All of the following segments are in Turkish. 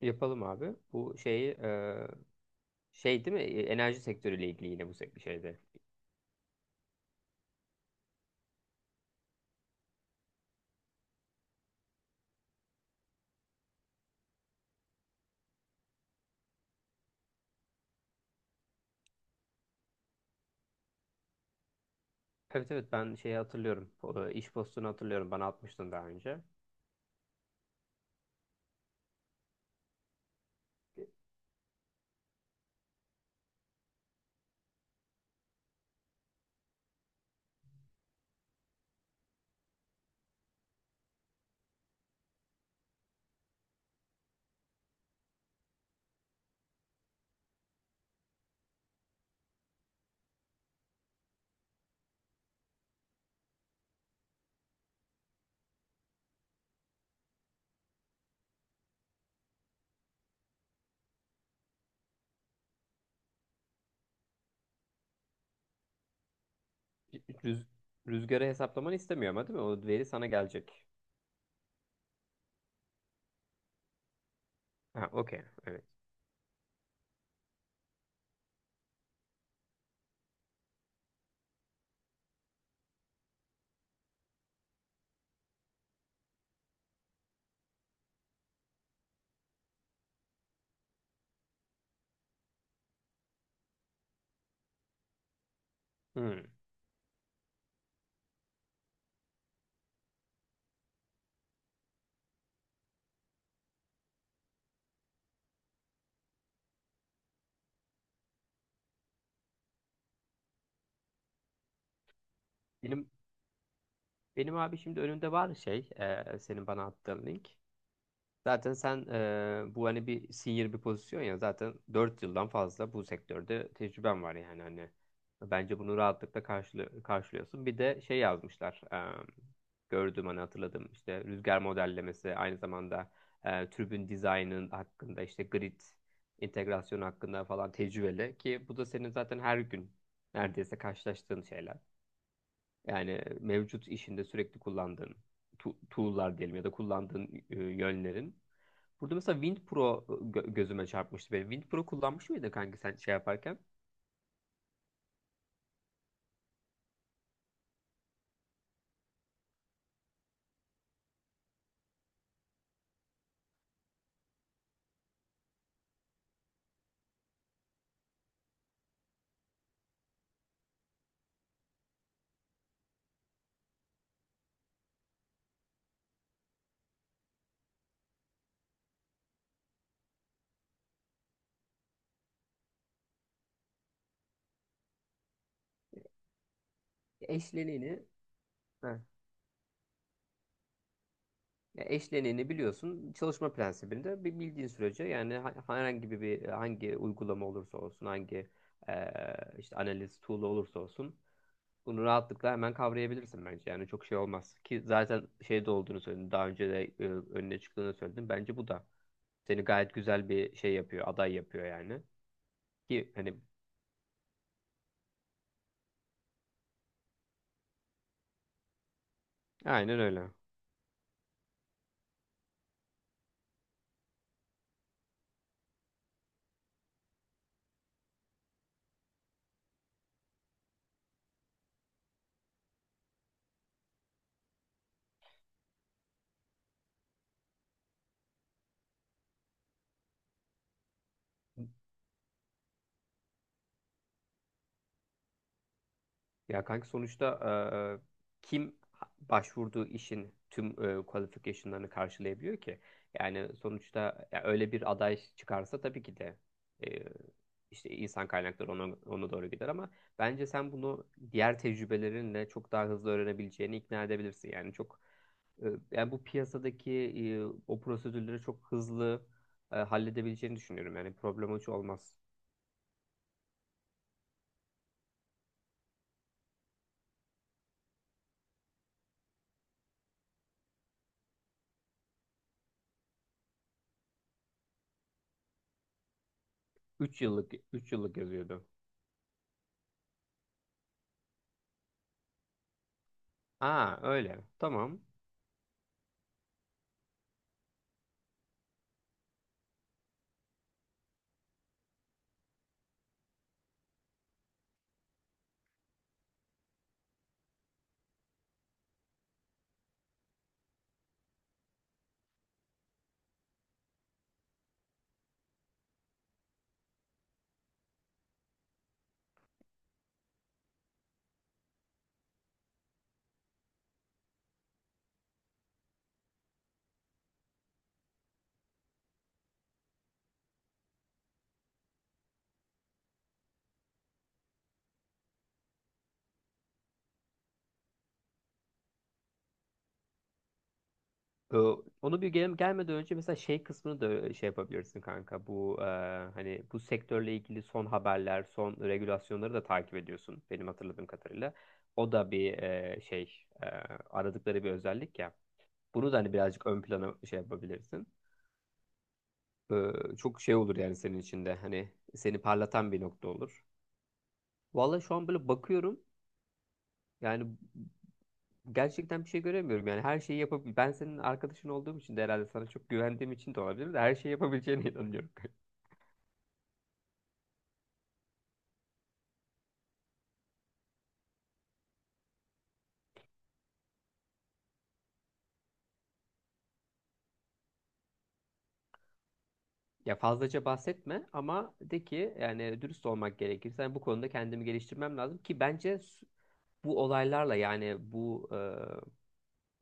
Yapalım abi. Bu şeyi şey değil mi? Enerji sektörüyle ilgili yine bu şeyde. Evet, evet, ben şeyi hatırlıyorum. O, iş postunu hatırlıyorum. Bana atmıştın daha önce. Rüz Rüzgarı hesaplamanı istemiyor ama değil mi? O veri sana gelecek. Ha, okey. Evet. Hmm. Benim benim abi, şimdi önümde var şey, senin bana attığın link. Zaten sen, bu hani bir senior bir pozisyon ya, zaten 4 yıldan fazla bu sektörde tecrüben var, yani hani bence bunu rahatlıkla karşılıyorsun. Bir de şey yazmışlar, gördüm, hani hatırladım, işte rüzgar modellemesi, aynı zamanda türbün dizaynının hakkında, işte grid entegrasyonu hakkında falan tecrübeli ki bu da senin zaten her gün neredeyse karşılaştığın şeyler. Yani mevcut işinde sürekli kullandığın tool'lar diyelim, ya da kullandığın yönlerin. Burada mesela WindPro gözüme çarpmıştı benim. WindPro kullanmış mıydın kanki sen şey yaparken? Eşleniğini, heh, ya eşleniğini biliyorsun. Çalışma prensibinde bir bildiğin sürece, yani herhangi hangi uygulama olursa olsun, hangi e, işte analiz tool olursa olsun, bunu rahatlıkla hemen kavrayabilirsin bence. Yani çok şey olmaz ki, zaten şeyde olduğunu söyledim. Daha önce de önüne çıktığını söyledim. Bence bu da seni gayet güzel bir şey yapıyor, aday yapıyor yani. Ki hani aynen öyle. Ya kanka, sonuçta kim başvurduğu işin tüm qualification'larını karşılayabiliyor ki? Yani sonuçta ya öyle bir aday çıkarsa tabii ki de, e, işte insan kaynakları ona doğru gider, ama bence sen bunu diğer tecrübelerinle çok daha hızlı öğrenebileceğini ikna edebilirsin. Yani çok, e, yani bu piyasadaki, e, o prosedürleri çok hızlı halledebileceğini düşünüyorum. Yani problem hiç olmaz. Üç yıllık yazıyordu. Aa, öyle. Tamam. Ee, onu bir gelmeden önce mesela şey kısmını da şey yapabilirsin kanka. Bu, hani bu sektörle ilgili son haberler, son regülasyonları da takip ediyorsun benim hatırladığım kadarıyla. O da bir şey, aradıkları bir özellik ya. Bunu da hani birazcık ön plana şey yapabilirsin. Çok şey olur yani, senin içinde hani seni parlatan bir nokta olur. Vallahi şu an böyle bakıyorum yani, gerçekten bir şey göremiyorum, yani her şeyi yapabilir. Ben senin arkadaşın olduğum için de herhalde, sana çok güvendiğim için de olabilir, de her şeyi yapabileceğine inanıyorum. Ya fazlaca bahsetme, ama de ki yani dürüst olmak gerekirse, yani bu konuda kendimi geliştirmem lazım ki bence bu olaylarla, yani bu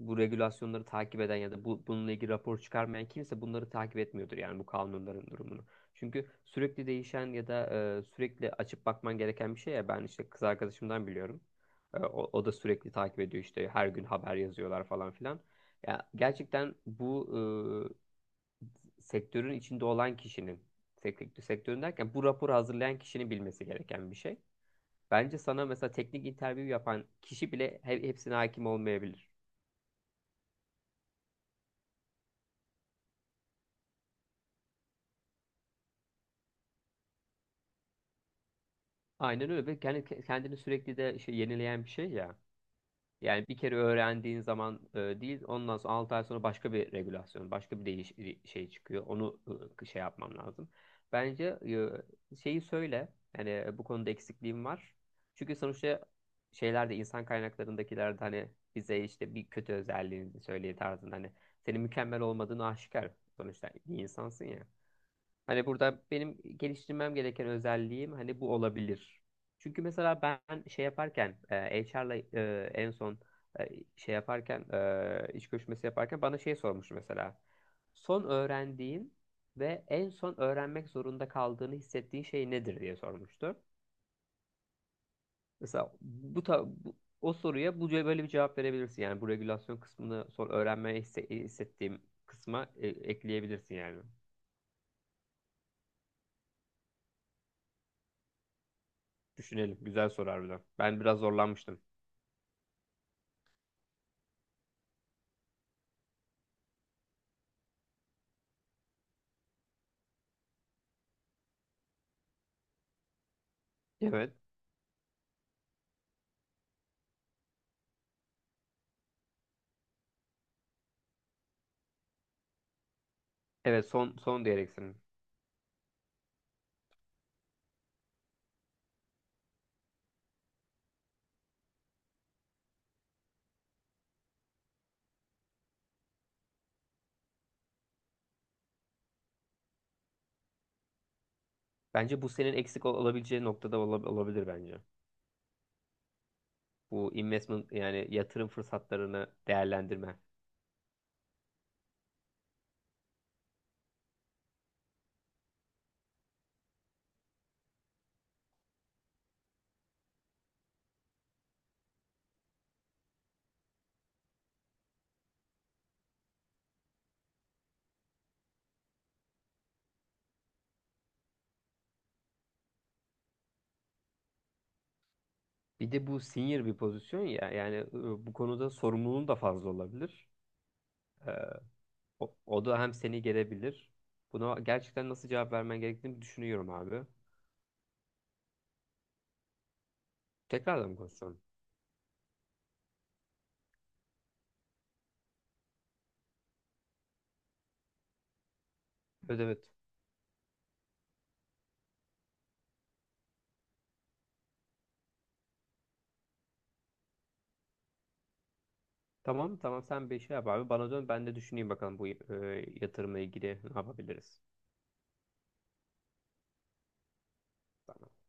bu regülasyonları takip eden ya da bu, bununla ilgili rapor çıkarmayan kimse bunları takip etmiyordur, yani bu kanunların durumunu. Çünkü sürekli değişen ya da sürekli açıp bakman gereken bir şey ya, ben işte kız arkadaşımdan biliyorum. O, o da sürekli takip ediyor, işte her gün haber yazıyorlar falan filan. Ya gerçekten bu sektörün içinde olan kişinin, sektörün derken bu raporu hazırlayan kişinin bilmesi gereken bir şey. Bence sana mesela teknik interview yapan kişi bile hepsine hakim olmayabilir. Aynen öyle, ve kendi kendini sürekli de şey, yenileyen bir şey ya. Yani bir kere öğrendiğin zaman değil, ondan sonra 6 ay sonra başka bir regülasyon, başka bir değiş şey çıkıyor. Onu şey yapmam lazım. Bence şeyi söyle. Yani, bu konuda eksikliğim var. Çünkü sonuçta şeylerde, insan kaynaklarındakilerde hani bize işte bir kötü özelliğini söyleye tarzında, hani senin mükemmel olmadığını aşikar. Sonuçta bir insansın ya. Hani burada benim geliştirmem gereken özelliğim hani bu olabilir. Çünkü mesela ben şey yaparken, HR'la, en son, e, şey yaparken, iş görüşmesi yaparken bana şey sormuştu mesela. Son öğrendiğin ve en son öğrenmek zorunda kaldığını hissettiğin şey nedir diye sormuştu. Mesela bu, o soruya bu böyle bir cevap verebilirsin. Yani bu regülasyon kısmını son öğrenmeye hissettiğim kısma ekleyebilirsin yani. Düşünelim. Güzel soru harbiden. Ben biraz zorlanmıştım. Evet. Evet, son son diyerek. Bence bu senin eksik olabileceği noktada olabilir bence. Bu investment, yani yatırım fırsatlarını değerlendirme. Bir de bu senior bir pozisyon ya, yani bu konuda sorumluluğun da fazla olabilir. Ee, o, o da hem seni gelebilir. Buna gerçekten nasıl cevap vermen gerektiğini düşünüyorum abi. Tekrardan mı konuşalım? Evet, evet. Tamam, tamam, sen bir şey yap abi. Bana dön, ben de düşüneyim bakalım bu, yatırımla ilgili ne yapabiliriz. Tamam.